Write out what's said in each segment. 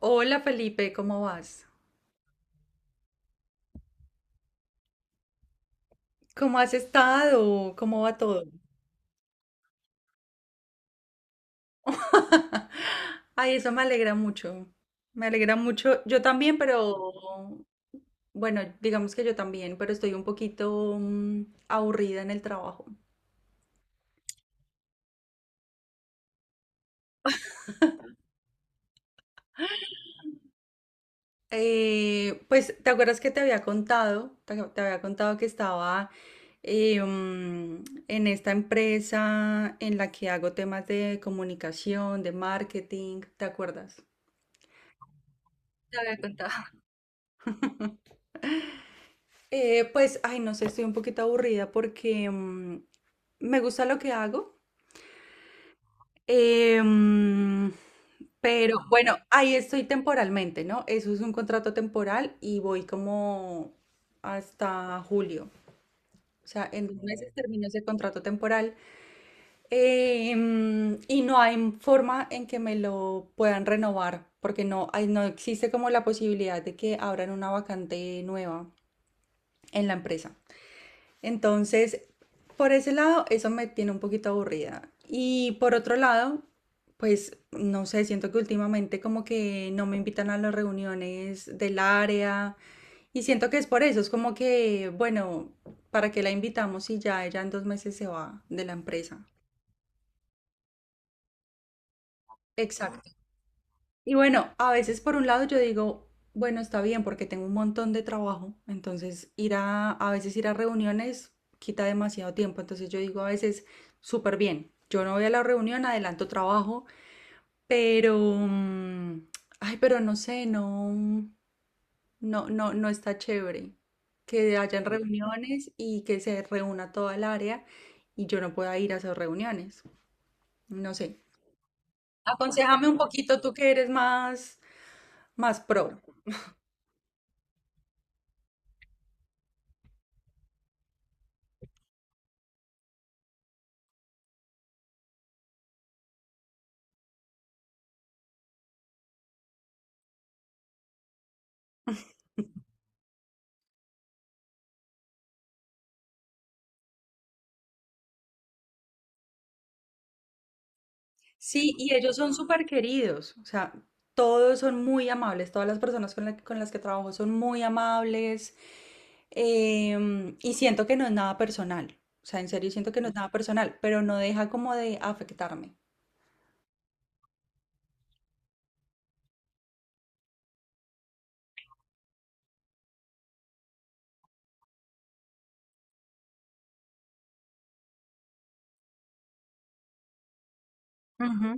Hola Felipe, ¿cómo vas? ¿Cómo has estado? ¿Cómo va todo? Ay, eso me alegra mucho. Me alegra mucho. Yo también, pero bueno, digamos que yo también, pero estoy un poquito aburrida en el trabajo. Pues, ¿te acuerdas que te había contado? Te había contado que estaba en esta empresa en la que hago temas de comunicación, de marketing, ¿te acuerdas? Te había contado. Pues, ay, no sé, estoy un poquito aburrida porque me gusta lo que hago, eh, mm, pero bueno, ahí estoy temporalmente, ¿no? Eso es un contrato temporal y voy como hasta julio. O sea, en dos meses termino ese contrato temporal y no hay forma en que me lo puedan renovar porque no, no existe como la posibilidad de que abran una vacante nueva en la empresa. Entonces, por ese lado, eso me tiene un poquito aburrida. Y por otro lado, pues no sé, siento que últimamente como que no me invitan a las reuniones del área y siento que es por eso, es como que, bueno, ¿para qué la invitamos si ya ella en dos meses se va de la empresa? Exacto. Y bueno, a veces por un lado yo digo, bueno, está bien porque tengo un montón de trabajo, entonces ir a veces ir a reuniones quita demasiado tiempo, entonces yo digo a veces, súper bien, yo no voy a la reunión, adelanto trabajo, pero, ay, pero no sé, no, no, no, no está chévere que hayan reuniones y que se reúna toda el área y yo no pueda ir a esas reuniones, no sé. Aconséjame un poquito tú que eres más, más pro. Sí, y ellos son súper queridos, o sea, todos son muy amables, todas las personas con, con las que trabajo son muy amables y siento que no es nada personal, o sea, en serio siento que no es nada personal, pero no deja como de afectarme. Ujú.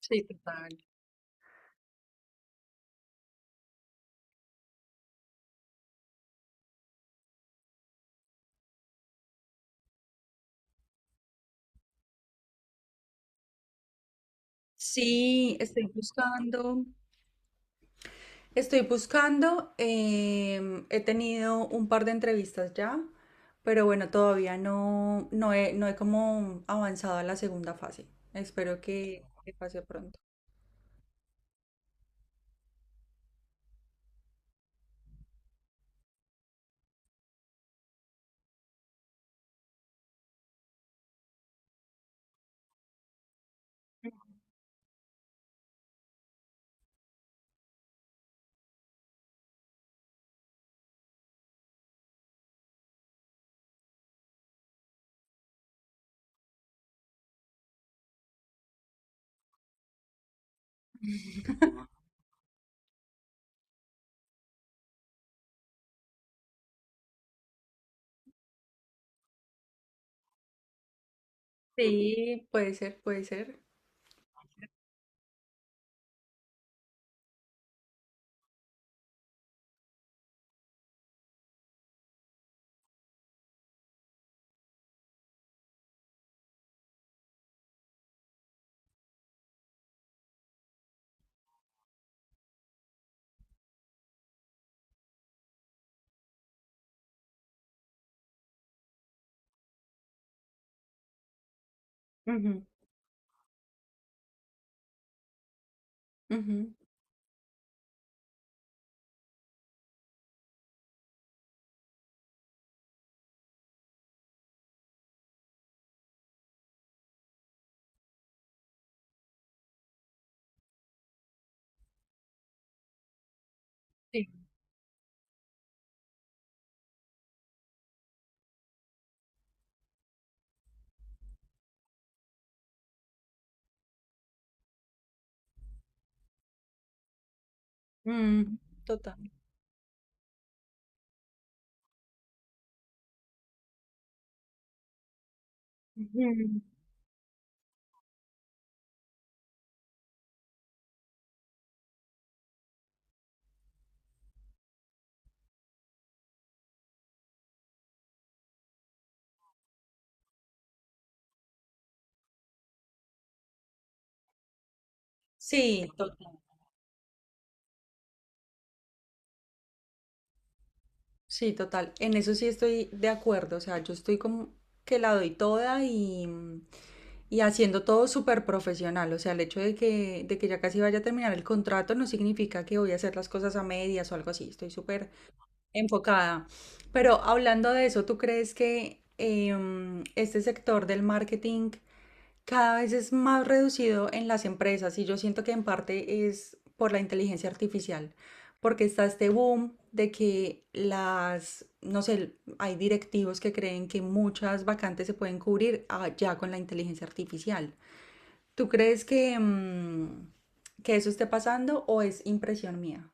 Sí, total. Sí, estoy buscando. Estoy buscando, em, he tenido un par de entrevistas ya, pero bueno, todavía no, no he como avanzado a la segunda fase. Espero que pase pronto. Sí, puede ser, puede ser. Ujú, ujú, sí. Mm, total. Ujú. Sí, total. Sí, total. En eso sí estoy de acuerdo. O sea, yo estoy como que la doy toda y, y haciendo todo súper profesional. O sea, el hecho de que ya casi vaya a terminar el contrato no significa que voy a hacer las cosas a medias o algo así. Estoy súper enfocada. Pero hablando de eso, ¿tú crees que este sector del marketing cada vez es más reducido en las empresas y yo siento que en parte es por la inteligencia artificial, porque está este boom de que las, no sé, hay directivos que creen que muchas vacantes se pueden cubrir ah, ya con la inteligencia artificial? ¿Tú crees que, que eso esté pasando o es impresión mía?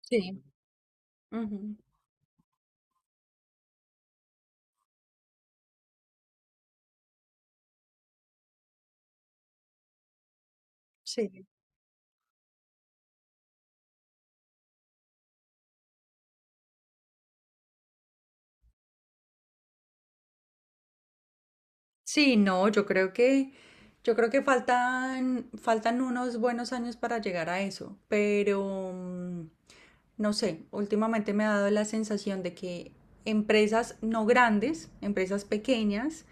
Sí. Ujú. Sí. Sí, no, yo creo que faltan, faltan unos buenos años para llegar a eso, pero no sé, últimamente me ha dado la sensación de que empresas no grandes, empresas pequeñas,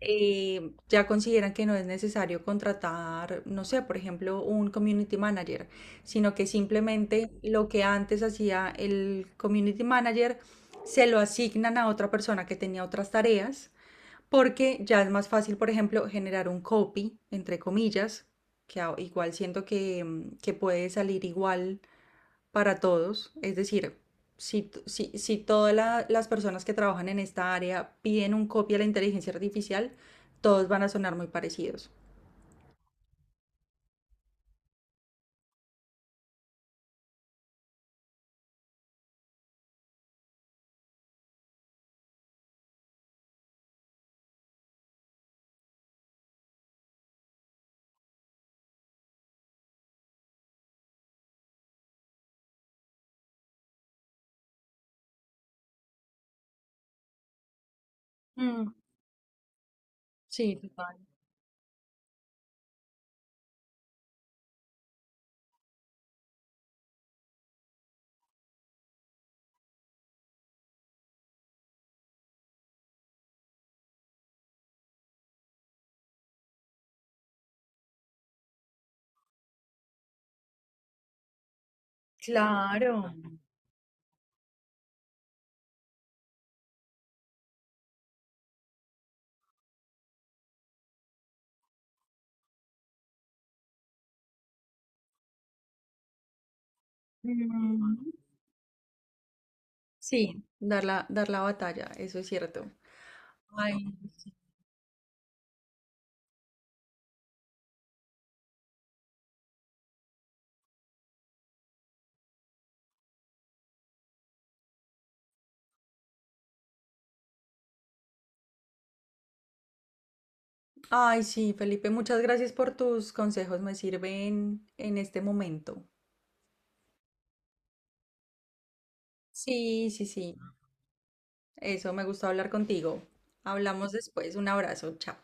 ya consideran que no es necesario contratar, no sé, por ejemplo, un community manager, sino que simplemente lo que antes hacía el community manager se lo asignan a otra persona que tenía otras tareas porque ya es más fácil, por ejemplo, generar un copy, entre comillas, que igual siento que, que puede salir igual para todos. Es decir, si, si, si todas las personas que trabajan en esta área piden un copy a la inteligencia artificial, todos van a sonar muy parecidos. Mm, sí, total. Claro. Mm, sí. Dar la batalla, eso es cierto. Ay, ay, sí, Felipe, muchas gracias por tus consejos, me sirven en este momento. Sí, sí, sí, eso, me gustó hablar contigo. Hablamos después, un abrazo, chao.